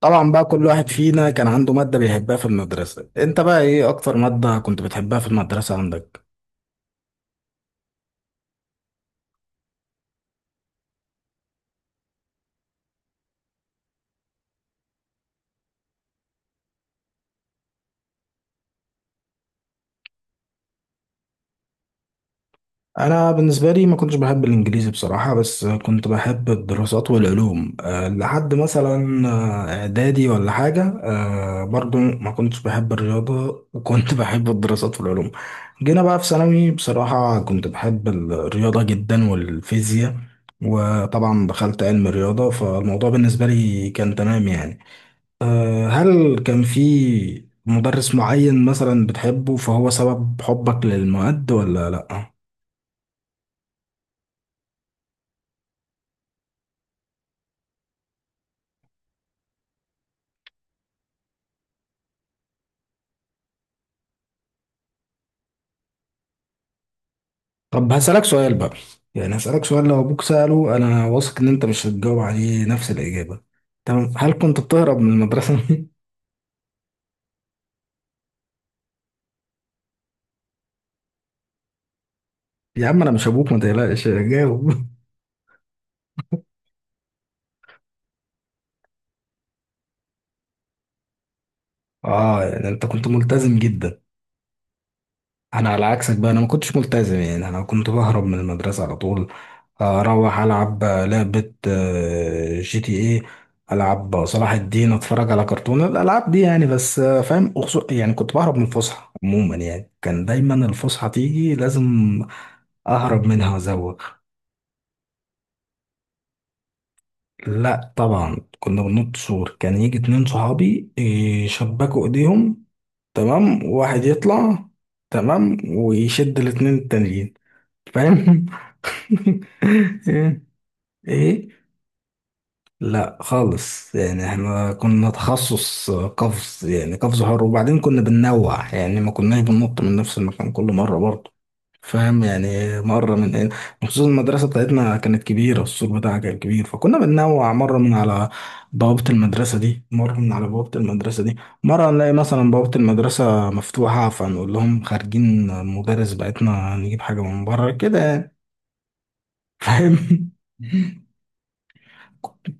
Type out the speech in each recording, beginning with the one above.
طبعا بقى، كل واحد فينا كان عنده مادة بيحبها في المدرسة. انت بقى ايه اكتر مادة كنت بتحبها في المدرسة عندك؟ انا بالنسبة لي ما كنتش بحب الانجليزي بصراحة، بس كنت بحب الدراسات والعلوم لحد مثلا اعدادي ولا حاجة برضو، ما كنتش بحب الرياضة وكنت بحب الدراسات والعلوم. جينا بقى في ثانوي، بصراحة كنت بحب الرياضة جدا والفيزياء. وطبعا دخلت علم الرياضة، فالموضوع بالنسبة لي كان تمام يعني. هل كان في مدرس معين مثلا بتحبه فهو سبب حبك للمواد ولا لا؟ طب هسألك سؤال بقى. يعني هسألك سؤال، لو ابوك سأله انا واثق ان انت مش هتجاوب عليه نفس الإجابة. تمام. هل كنت بتهرب من المدرسة؟ يا عم انا مش ابوك، ما تقلقش، جاوب. اه، يعني انت كنت ملتزم جدا. انا على عكسك بقى، انا ما كنتش ملتزم، يعني انا كنت بهرب من المدرسه على طول. اروح العب لعبه جي تي ايه. العب صلاح الدين، اتفرج على كرتون، الالعاب دي يعني. بس فاهم أخصو، يعني كنت بهرب من الفسحه عموما، يعني كان دايما الفسحه تيجي لازم اهرب منها وازوغ. لا طبعا، كنا بننط سور، كان يجي اتنين صحابي يشبكوا ايديهم. تمام، واحد يطلع. تمام، ويشد الاتنين التانيين. فاهم؟ ايه. ايه. لا خالص، يعني احنا كنا تخصص قفز، يعني قفز حر، وبعدين كنا بننوع يعني، ما كناش بننط من نفس المكان كل مرة برضه. فاهم؟ يعني مرة من هنا، وخصوصا المدرسة بتاعتنا كانت كبيرة، السور بتاعها كان كبير، فكنا بننوع مرة من على بوابة المدرسة دي، مرة من على بوابة المدرسة دي. مرة نلاقي مثلا بوابة المدرسة مفتوحة، فنقول لهم خارجين المدرس بتاعتنا نجيب حاجة من بره كده يعني. فاهم؟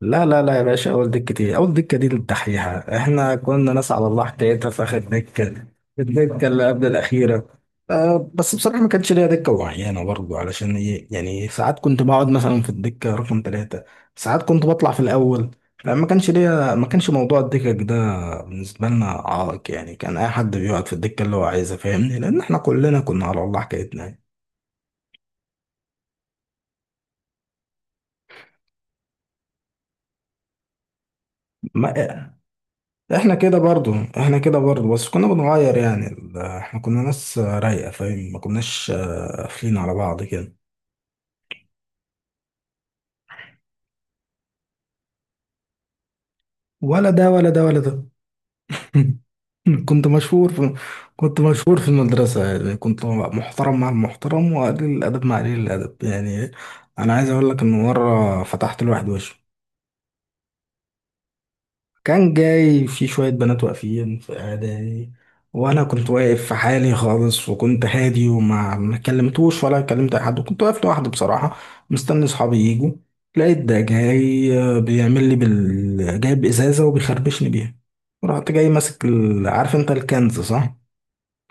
لا لا لا يا باشا، اول دكه ايه، اول دكه دي للدحيحه. احنا كنا ناس على الله حكايتها، في اخر دكه. الدكه اللي قبل الاخيره. بس بصراحه ما كانش ليا دكه معينه برضه، علشان ايه يعني، ساعات كنت بقعد مثلا في الدكه رقم ثلاثه. ساعات كنت بطلع في الاول. فما كانش ليا، ما كانش موضوع الدكك ده بالنسبه لنا عائق يعني، كان اي حد بيقعد في الدكه اللي هو عايزها، فاهمني؟ لان احنا كلنا كنا على الله حكايتنا. ما احنا كده برضو. احنا كده برضو، بس كنا بنغير يعني احنا كنا ناس رايقة، فاهم؟ ما كناش قافلين على بعض كده. ولا ده، ولا ده، ولا ده. كنت مشهور في كنت مشهور في المدرسة، يعني كنت محترم مع المحترم وقليل الأدب مع قليل الأدب يعني، إيه؟ أنا عايز أقول لك إن مرة فتحت لواحد وشه. كان جاي في شوية بنات واقفين في قعدة يعني. وأنا كنت واقف في حالي خالص وكنت هادي وما ما كلمتوش ولا كلمت أي حد، وكنت واقف لوحدي بصراحة. مستني صحابي يجوا. لقيت ده جاي بيعمل لي جايب إزازة وبيخربشني بيها. رحت جاي ماسك عارف أنت الكنز صح؟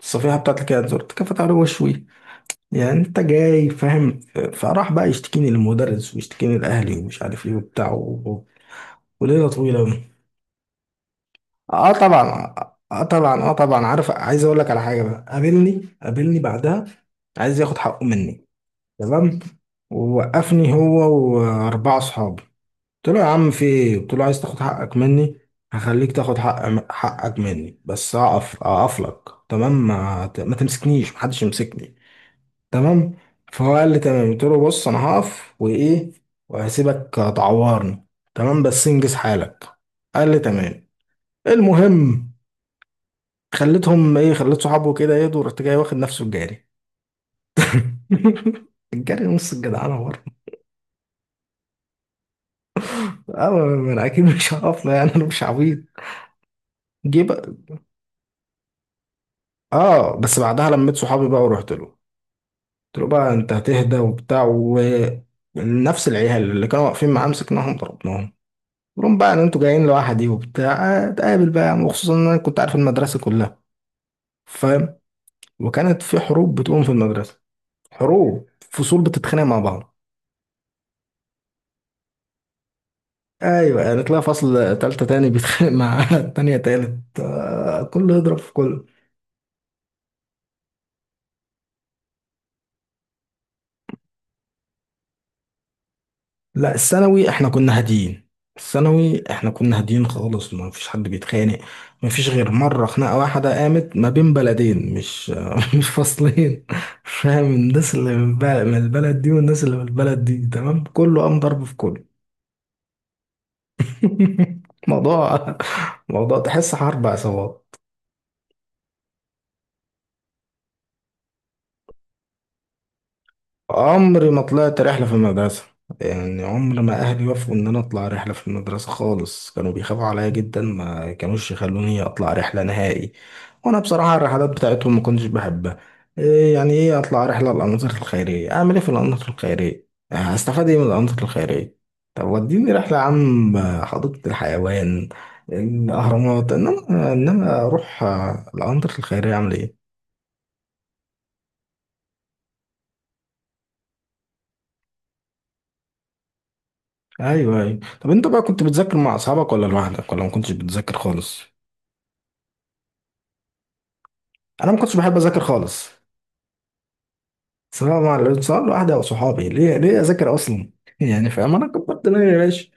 الصفيحة بتاعت الكنز، رحت كفت على وشوي. يعني أنت جاي، فاهم؟ فراح بقى يشتكيني للمدرس ويشتكيني لأهلي ومش عارف إيه وبتاع. وليلة طويلة. اه طبعا. اه طبعا، اه طبعا. عارف، عايز اقول لك على حاجه بقى، قابلني بعدها. عايز ياخد حقه مني. تمام. ووقفني هو. واربعه اصحابي. قلت له يا عم في ايه، قلت له عايز تاخد حقك مني. هخليك تاخد حقك مني، بس اقف اقف لك تمام، ما تمسكنيش محدش يمسكني. تمام. فهو قال لي تمام، قلت له بص انا هقف وايه، وهسيبك تعورني. تمام، بس انجز حالك. قال لي تمام. المهم، خليت صحابه كده يهدوا، ورحت جاي واخد نفسه الجاري. الجاري نص الجدعانه برضه. اه، ما انا اكيد مش هقف له يعني، انا مش عبيط. جه بقى. اه، بس بعدها لميت صحابي بقى، ورحت له قلت له بقى انت هتهدى وبتاع. ونفس العيال اللي كانوا واقفين معاه مسكناهم ضربناهم. قلت لهم بقى ان انتوا جايين لوحدي وبتاع. اتقابل بقى يا عم، وخصوصا ان انا كنت عارف المدرسه كلها. فاهم؟ وكانت في حروب بتقوم في المدرسه. حروب، فصول بتتخانق مع بعض. ايوه، يعني تلاقي فصل تالتة تاني بيتخانق مع تانية تالت، كله يضرب في كله. لا الثانوي احنا كنا هاديين. الثانوي احنا كنا هاديين خالص، ما فيش حد بيتخانق. ما فيش غير مرة خناقة واحدة قامت ما بين بلدين، مش مش فصلين. فاهم؟ الناس اللي من من البلد دي والناس اللي من البلد دي، تمام كله قام ضرب في كله. موضوع موضوع تحس حرب عصابات. عمري ما طلعت رحلة في المدرسة. يعني عمر ما أهلي وافقوا إن أنا أطلع رحلة في المدرسة خالص، كانوا بيخافوا عليا جدا، ما كانوش يخلوني أطلع رحلة نهائي. وأنا بصراحة الرحلات بتاعتهم ما كنتش بحبها. إيه يعني، إيه أطلع رحلة الأنشطة الخيرية، أعمل إيه في الأنشطة الخيرية؟ هستفاد إيه من الأنشطة الخيرية؟ طب وديني رحلة يا عم، حديقة الحيوان، الأهرامات، إنما أروح الأنشطة الخيرية أعمل إيه؟ ايوه، ايوه. طب انت بقى كنت بتذاكر مع اصحابك ولا لوحدك ولا ما كنتش بتذاكر خالص؟ انا ما كنتش بحب اذاكر خالص. سواء مع سواء لوحدي او صحابي، ليه اذاكر اصلا؟ يعني فاهم، انا كبرت دماغي يا باشا.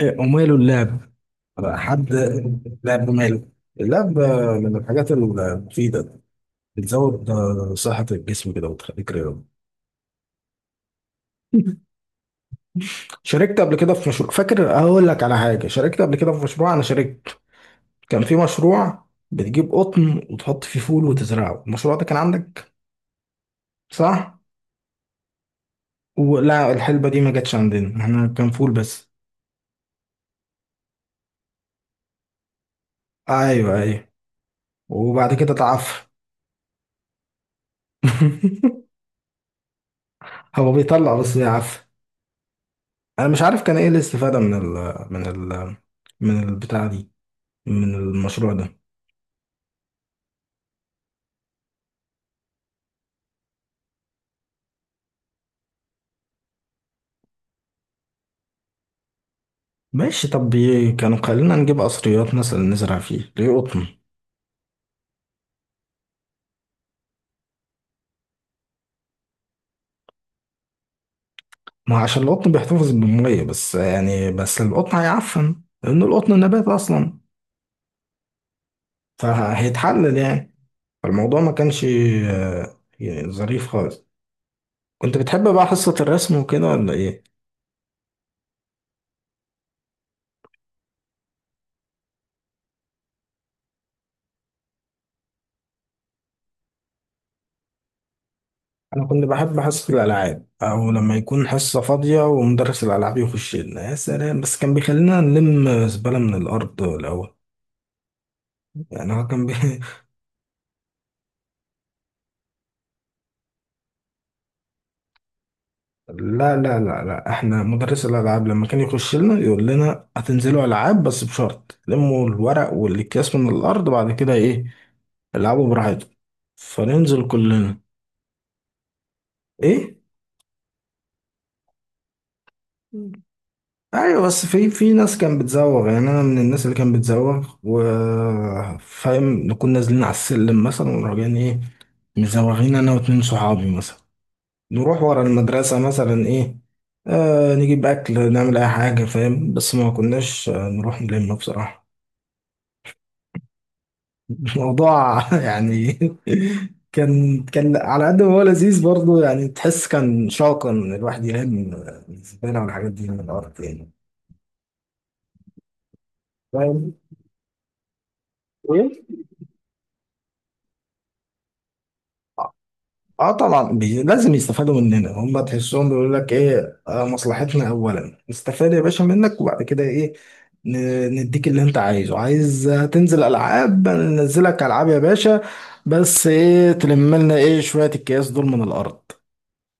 إيه، وماله اللعب. حد، لعب ماله. اللعب من الحاجات المفيدة. بتزود صحة الجسم كده وتخليك رياضي. شاركت قبل كده في مشروع، فاكر اقول لك على حاجة، شاركت قبل كده في مشروع، انا شاركت. كان في مشروع بتجيب قطن وتحط فيه فول وتزرعه، المشروع ده كان عندك؟ صح؟ ولا الحلبة دي ما جاتش عندنا، احنا كان فول بس. ايوه، ايوه. وبعد كده تعفن. هو بيطلع بس بيعفن. انا مش عارف كان ايه الاستفادة ال من البتاع دي، من المشروع ده. ماشي طب، كانوا خلينا نجيب قصريات مثلا نزرع فيه ليه قطن؟ ما هو عشان القطن بيحتفظ بالمية بس يعني، بس القطن هيعفن لأن القطن نبات أصلا، فهيتحلل يعني. فالموضوع ما كانش يعني ظريف خالص. كنت بتحب بقى حصة الرسم وكده ولا ايه؟ انا كنت بحب حصة الالعاب، او لما يكون حصة فاضية ومدرس الالعاب يخش لنا يا سلام، بس كان بيخلينا نلم زبالة من الارض الاول. يعني هو كان. لا، لا، لا، لا، احنا مدرس الالعاب لما كان يخش لنا يقول لنا هتنزلوا العاب بس بشرط لموا الورق والاكياس من الارض، بعد كده ايه، العبوا براحتكم. فننزل كلنا. ايه. ايوه، بس في ناس كان بتزوغ يعني، انا من الناس اللي كان بتزوغ، وفاهم نكون نازلين على السلم مثلا وراجعين، ايه، مزوغين انا واتنين صحابي مثلا. نروح ورا المدرسة مثلا، ايه، نجيب اكل نعمل اي حاجة، فاهم، بس ما كناش نروح نلم بصراحة. الموضوع يعني. كان على قد ما هو لذيذ برضه يعني، تحس كان شاقا ان الواحد يلم الزبالة والحاجات دي من الارض يعني. فاهم؟ اه طبعا، لازم يستفادوا مننا هم، تحسهم بيقول لك ايه، مصلحتنا اولا نستفاد يا باشا منك، وبعد كده ايه، ن... نديك اللي انت عايزه، عايز تنزل العاب ننزلك العاب يا باشا. بس ايه، تلم لنا ايه شويه الكياس دول من الارض.